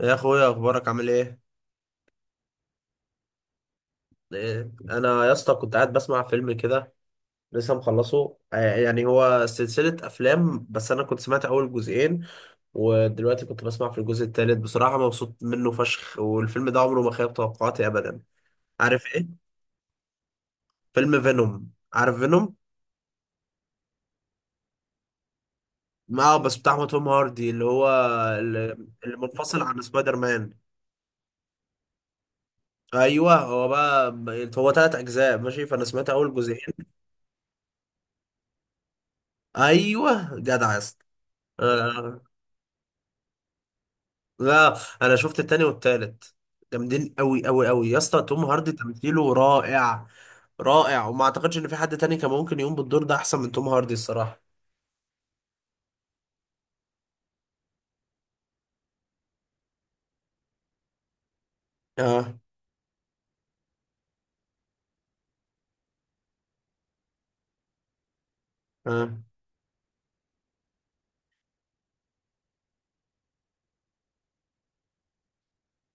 يا اخويا، اخبارك عامل ايه؟ انا يا اسطى كنت قاعد بسمع فيلم كده، لسه مخلصه يعني هو سلسلة افلام، بس انا كنت سمعت اول جزئين، ودلوقتي كنت بسمع في الجزء الثالث. بصراحة مبسوط منه فشخ، والفيلم ده عمره ما خيب توقعاتي ابدا. عارف ايه؟ فيلم فينوم، عارف فينوم؟ اه، بس بتاع توم هاردي، اللي هو اللي منفصل عن سبايدر مان. ايوه هو بقى، هو ثلاث اجزاء ماشي، فانا سمعت اول جزئين. ايوه جدع يا اسطى. آه، لا، انا شفت التاني والتالت، جامدين قوي قوي قوي يا اسطى. توم هاردي تمثيله رائع، رائع. وما اعتقدش ان في حد تاني كان ممكن يقوم بالدور ده احسن من توم هاردي الصراحه. اه، اه،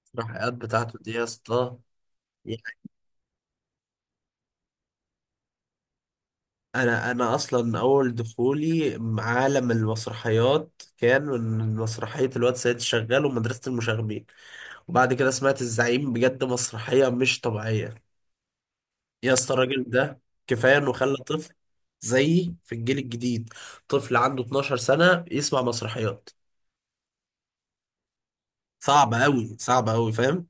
التحقيقات بتاعته دي يا اسطى. انا اصلا اول دخولي عالم المسرحيات كان من مسرحيه الواد سيد شغال ومدرسه المشاغبين، وبعد كده سمعت الزعيم. بجد مسرحيه مش طبيعيه يا اسطى، الراجل ده كفايه انه خلى طفل زيي في الجيل الجديد، طفل عنده 12 سنه يسمع مسرحيات صعبه قوي صعبه قوي، فاهم؟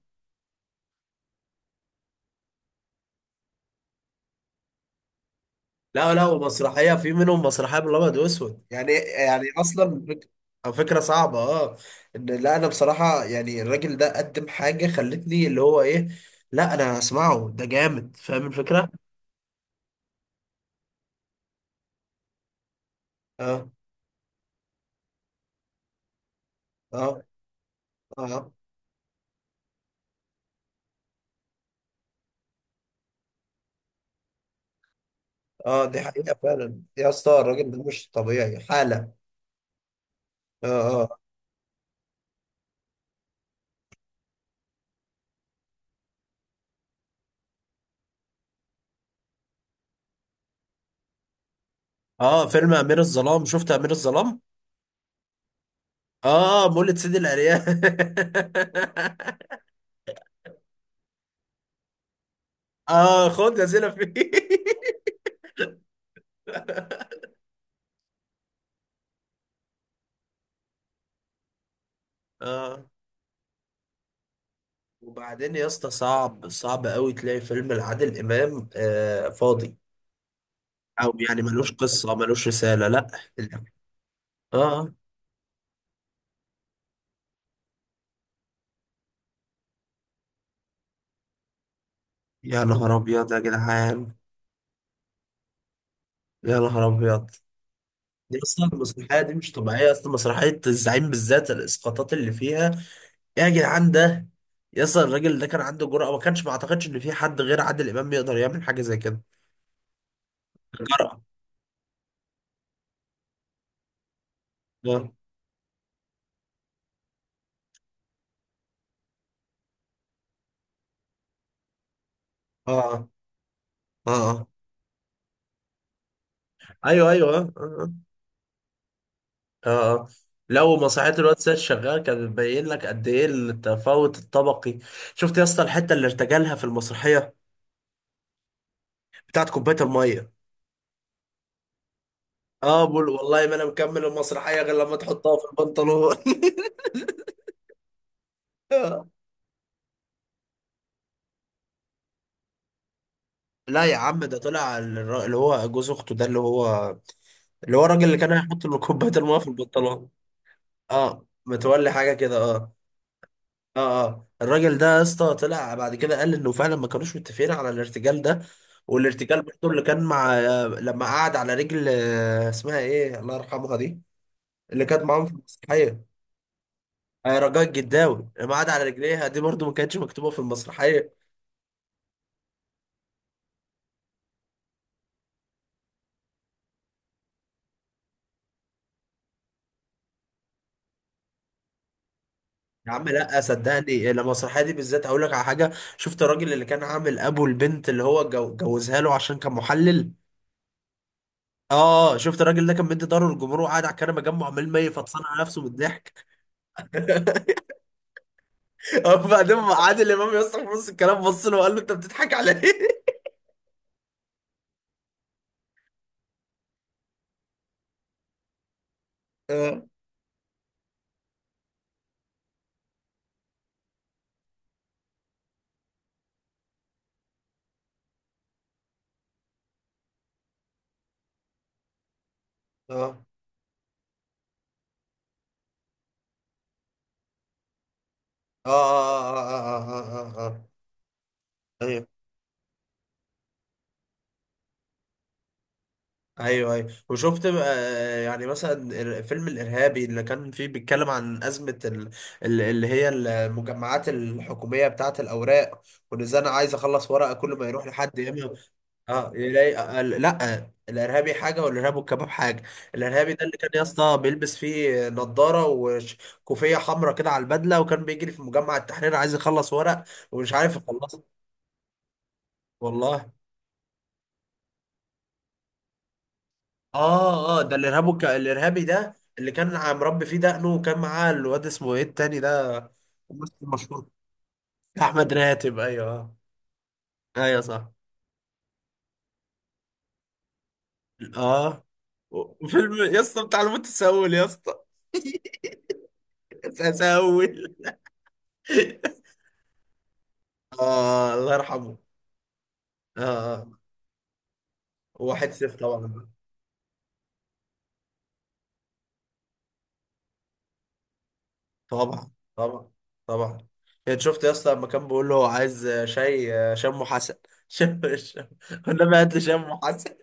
لا لا، ومسرحيه في منهم مسرحيه بالابيض واسود يعني، يعني اصلا أو فكره صعبه اه. ان لا، انا بصراحه يعني الراجل ده قدم حاجه خلتني اللي هو ايه، لا انا هسمعه ده جامد، فاهم الفكره. اه، اه، اه، اه، دي حقيقه فعلا يا اسطى، الراجل ده مش طبيعي حاله. اه، آه. اه، فيلم امير الظلام، شفت امير الظلام؟ اه، مولد سيدي العريان اه، خد يا زينة فيه اه، وبعدين يا اسطى صعب، صعب قوي تلاقي فيلم لعادل امام فاضي، او يعني ملوش قصه، ملوش رساله، لا. اه. يا نهار ابيض يا جدعان، يا نهار ابيض. دي اصلا المسرحيه دي مش طبيعيه، اصلا مسرحيه الزعيم بالذات الاسقاطات اللي فيها. يا جدعان، ده يس الراجل ده كان عنده جرأة، ما كانش ما اعتقدش ان في حد غير عادل امام يقدر يعمل حاجة زي كده. جرأة. اه، اه، اه، آه. ايوه، ايوه، اه، اه، آه، آه، آه. لو مصحات الواد سيد شغال كان بيبين لك قد ايه التفاوت الطبقي. شفت يا اسطى الحتة اللي ارتجلها في المسرحية بتاعت كوباية المية؟ اه، بقول والله ما انا مكمل المسرحية غير لما تحطها في البنطلون. لا يا عم، ده طلع اللي هو جوز اخته ده اللي هو اللي هو الراجل اللي كان هيحط له كوباية المية في البنطلون اه متولي حاجه كده اه اه اه الراجل ده يا اسطى طلع بعد كده قال انه فعلا ما كانوش متفقين على الارتجال ده والارتجال برضه اللي كان مع آه، لما قعد على رجل آه، اسمها ايه الله يرحمها دي اللي كانت معاهم في المسرحيه آه، رجاء الجداوي لما قعد على رجليها دي برضه ما كانتش مكتوبه في المسرحيه يا عم لا صدقني المسرحيه دي بالذات اقول لك على حاجه شفت الراجل اللي كان عامل ابو البنت اللي هو جوزها له عشان كان محلل. اه، شفت الراجل ده كان مدي ضهره للجمهور وقاعد على الكنبه جنبه، عمال ما يفطسن على نفسه من الضحك. وبعدين عادل امام يصرخ في نص الكلام، بص له وقال له انت بتضحك على ايه؟ اه، اه، اه، اه، اه، اه، ايوه، ايوه، ايوه. وشفت بقى يعني مثلا فيلم الارهابي اللي كان فيه بيتكلم عن ازمه اللي هي المجمعات الحكوميه بتاعت الاوراق، وان ازاي انا عايز اخلص ورقه كل ما يروح لحد يا اما اه يلاقي لا، الارهابي حاجه والارهاب والكباب حاجه. الارهابي ده اللي كان يا اسطى بيلبس فيه نضاره وكوفيه حمراء كده على البدله، وكان بيجري في مجمع التحرير عايز يخلص ورق، ومش عارف يخلصه. والله. اه، اه، ده الارهاب الارهابي ده اللي كان مربي فيه دقنه، وكان معاه الواد، اسمه ايه التاني ده، الممثل المشهور، احمد راتب. ايوه، آه. ايوه صح. اه، وفيلم يا اسطى بتاع المتسول يا اسطى تسول. آه الله يرحمه. آه، آه. واحد صفر طبعا. طبعا، طبعا، طبعا. يعني شفت يا اسطى لما كان بيقول له عايز شاي شم حسن شم انما هات لي شم حسن.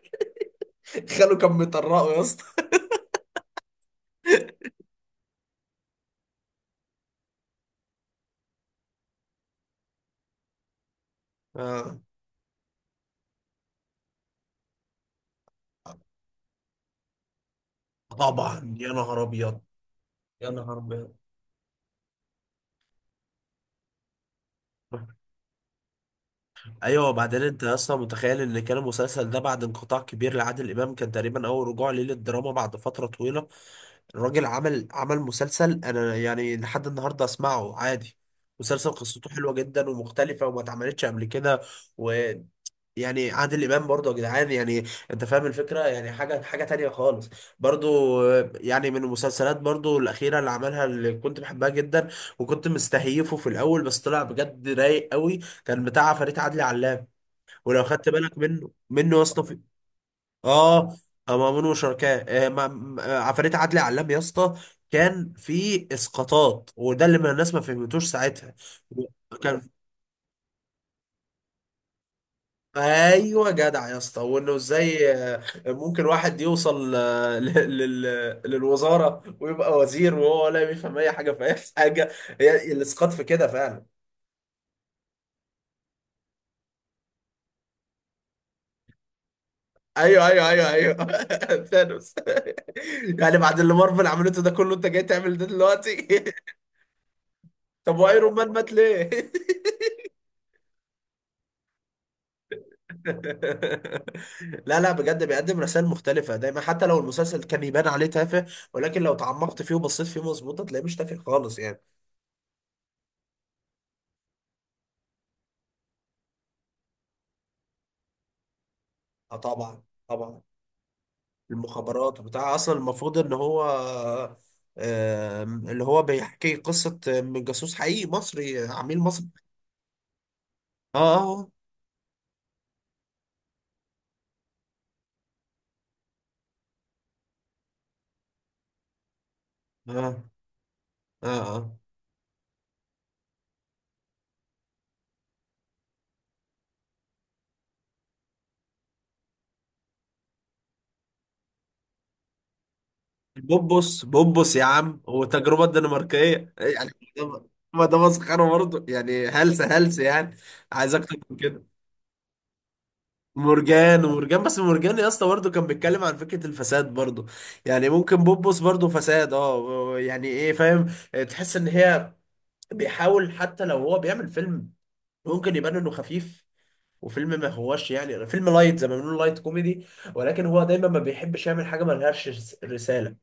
خاله كان بيطرقه يا اسطى. آه، طبعا يا نهار ابيض. يا نهار ابيض. ايوه، وبعدين انت يا اسطى متخيل ان كان المسلسل ده بعد انقطاع كبير لعادل امام، كان تقريبا اول رجوع ليه للدراما بعد فتره طويله. الراجل عمل، عمل مسلسل انا يعني لحد النهارده اسمعه عادي. مسلسل قصته حلوه جدا ومختلفه وما اتعملتش قبل كده، ويعني عادل امام برضه يا جدعان يعني، انت فاهم الفكره، يعني حاجه، حاجه تانية خالص برضه يعني. من المسلسلات برضه الاخيره اللي عملها اللي كنت بحبها جدا، وكنت مستهيفه في الاول بس طلع بجد رايق قوي، كان بتاع فريد عدلي علام. ولو خدت بالك منه يا اسطى. اه، مأمون وشركاه عفاريت عدلي علام يا اسطى. كان في اسقاطات، وده اللي ما الناس ما فهمتوش ساعتها. كان ايوه جدع يا اسطى، وانه ازاي ممكن واحد يوصل للوزاره ويبقى وزير، وهو ولا بيفهم اي حاجه في اي حاجه. هي الاسقاط في كده فعلا. ايوه، ايوه، ايوه، ايوه. ثانوس. يعني بعد اللي مارفل عملته ده كله انت جاي تعمل ده دلوقتي؟ طب وايرون مان مات ليه؟ لا لا، بجد بيقدم رسائل مختلفة دايما حتى لو المسلسل كان يبان عليه تافه، ولكن لو تعمقت فيه وبصيت فيه مظبوط هتلاقيه مش تافه خالص يعني. اه، طبعا، طبعا. المخابرات وبتاع، اصلا المفروض ان هو اللي هو بيحكي قصة من جاسوس حقيقي مصري، عميل مصري. اه، اه، اه، اه، اه. بوبوس، بوبوس يا عم، والتجربة الدنماركية يعني. ما ده، ما ده مسخرة برضه يعني، هلس هلس يعني. عايز اكتر من كده؟ مرجان، ومرجان، بس مرجان يا اسطى برضه كان بيتكلم عن فكرة الفساد برضه يعني. ممكن بوبوس برضه فساد، اه يعني ايه، فاهم؟ تحس ان هي بيحاول حتى لو هو بيعمل فيلم ممكن يبان انه خفيف، وفيلم ما هوش يعني فيلم لايت، زي ما بنقول لايت كوميدي، ولكن هو دايما ما بيحبش يعمل حاجة ما لهاش رسالة.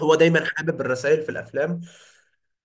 هو دايما حابب الرسائل في الافلام،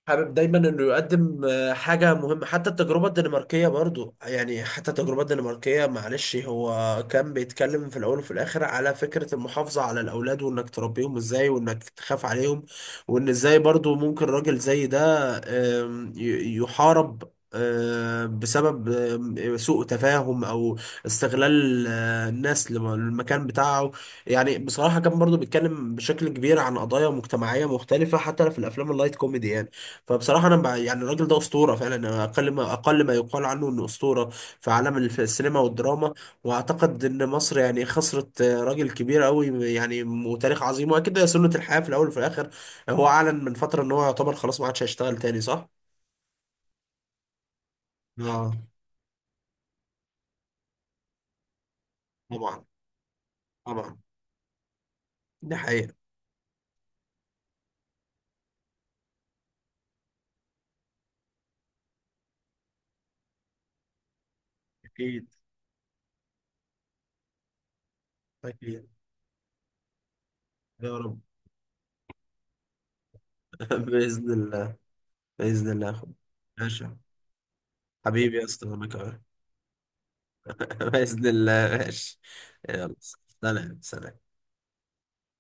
حابب دايما انه يقدم حاجه مهمه. حتى التجربه الدنماركيه برضو يعني، حتى التجربه الدنماركيه معلش، هو كان بيتكلم في الاول وفي الاخر على فكره المحافظه على الاولاد، وانك تربيهم ازاي، وانك تخاف عليهم. وان ازاي برضو ممكن راجل زي ده يحارب بسبب سوء تفاهم او استغلال الناس للمكان بتاعه. يعني بصراحة كان برضو بيتكلم بشكل كبير عن قضايا مجتمعية مختلفة، حتى في الأفلام اللايت كوميدي يعني. فبصراحة أنا يعني الراجل ده أسطورة فعلا، أنا أقل ما يقال عنه إنه أسطورة في عالم السينما والدراما. وأعتقد إن مصر يعني خسرت راجل كبير أوي، يعني وتاريخ عظيم، وأكيد ده سنة الحياة في الأول وفي الآخر. هو أعلن من فترة إن هو يعتبر خلاص ما عادش هيشتغل تاني، صح؟ اه، طبعا، طبعا، دي حقيقة. أكيد، أكيد، يا رب. بإذن الله، بإذن الله يا أخوي. ماشي. حبيبي يا أسطى، وأنا كمان. بإذن الله، ماشي. يلا، سلام، سلام.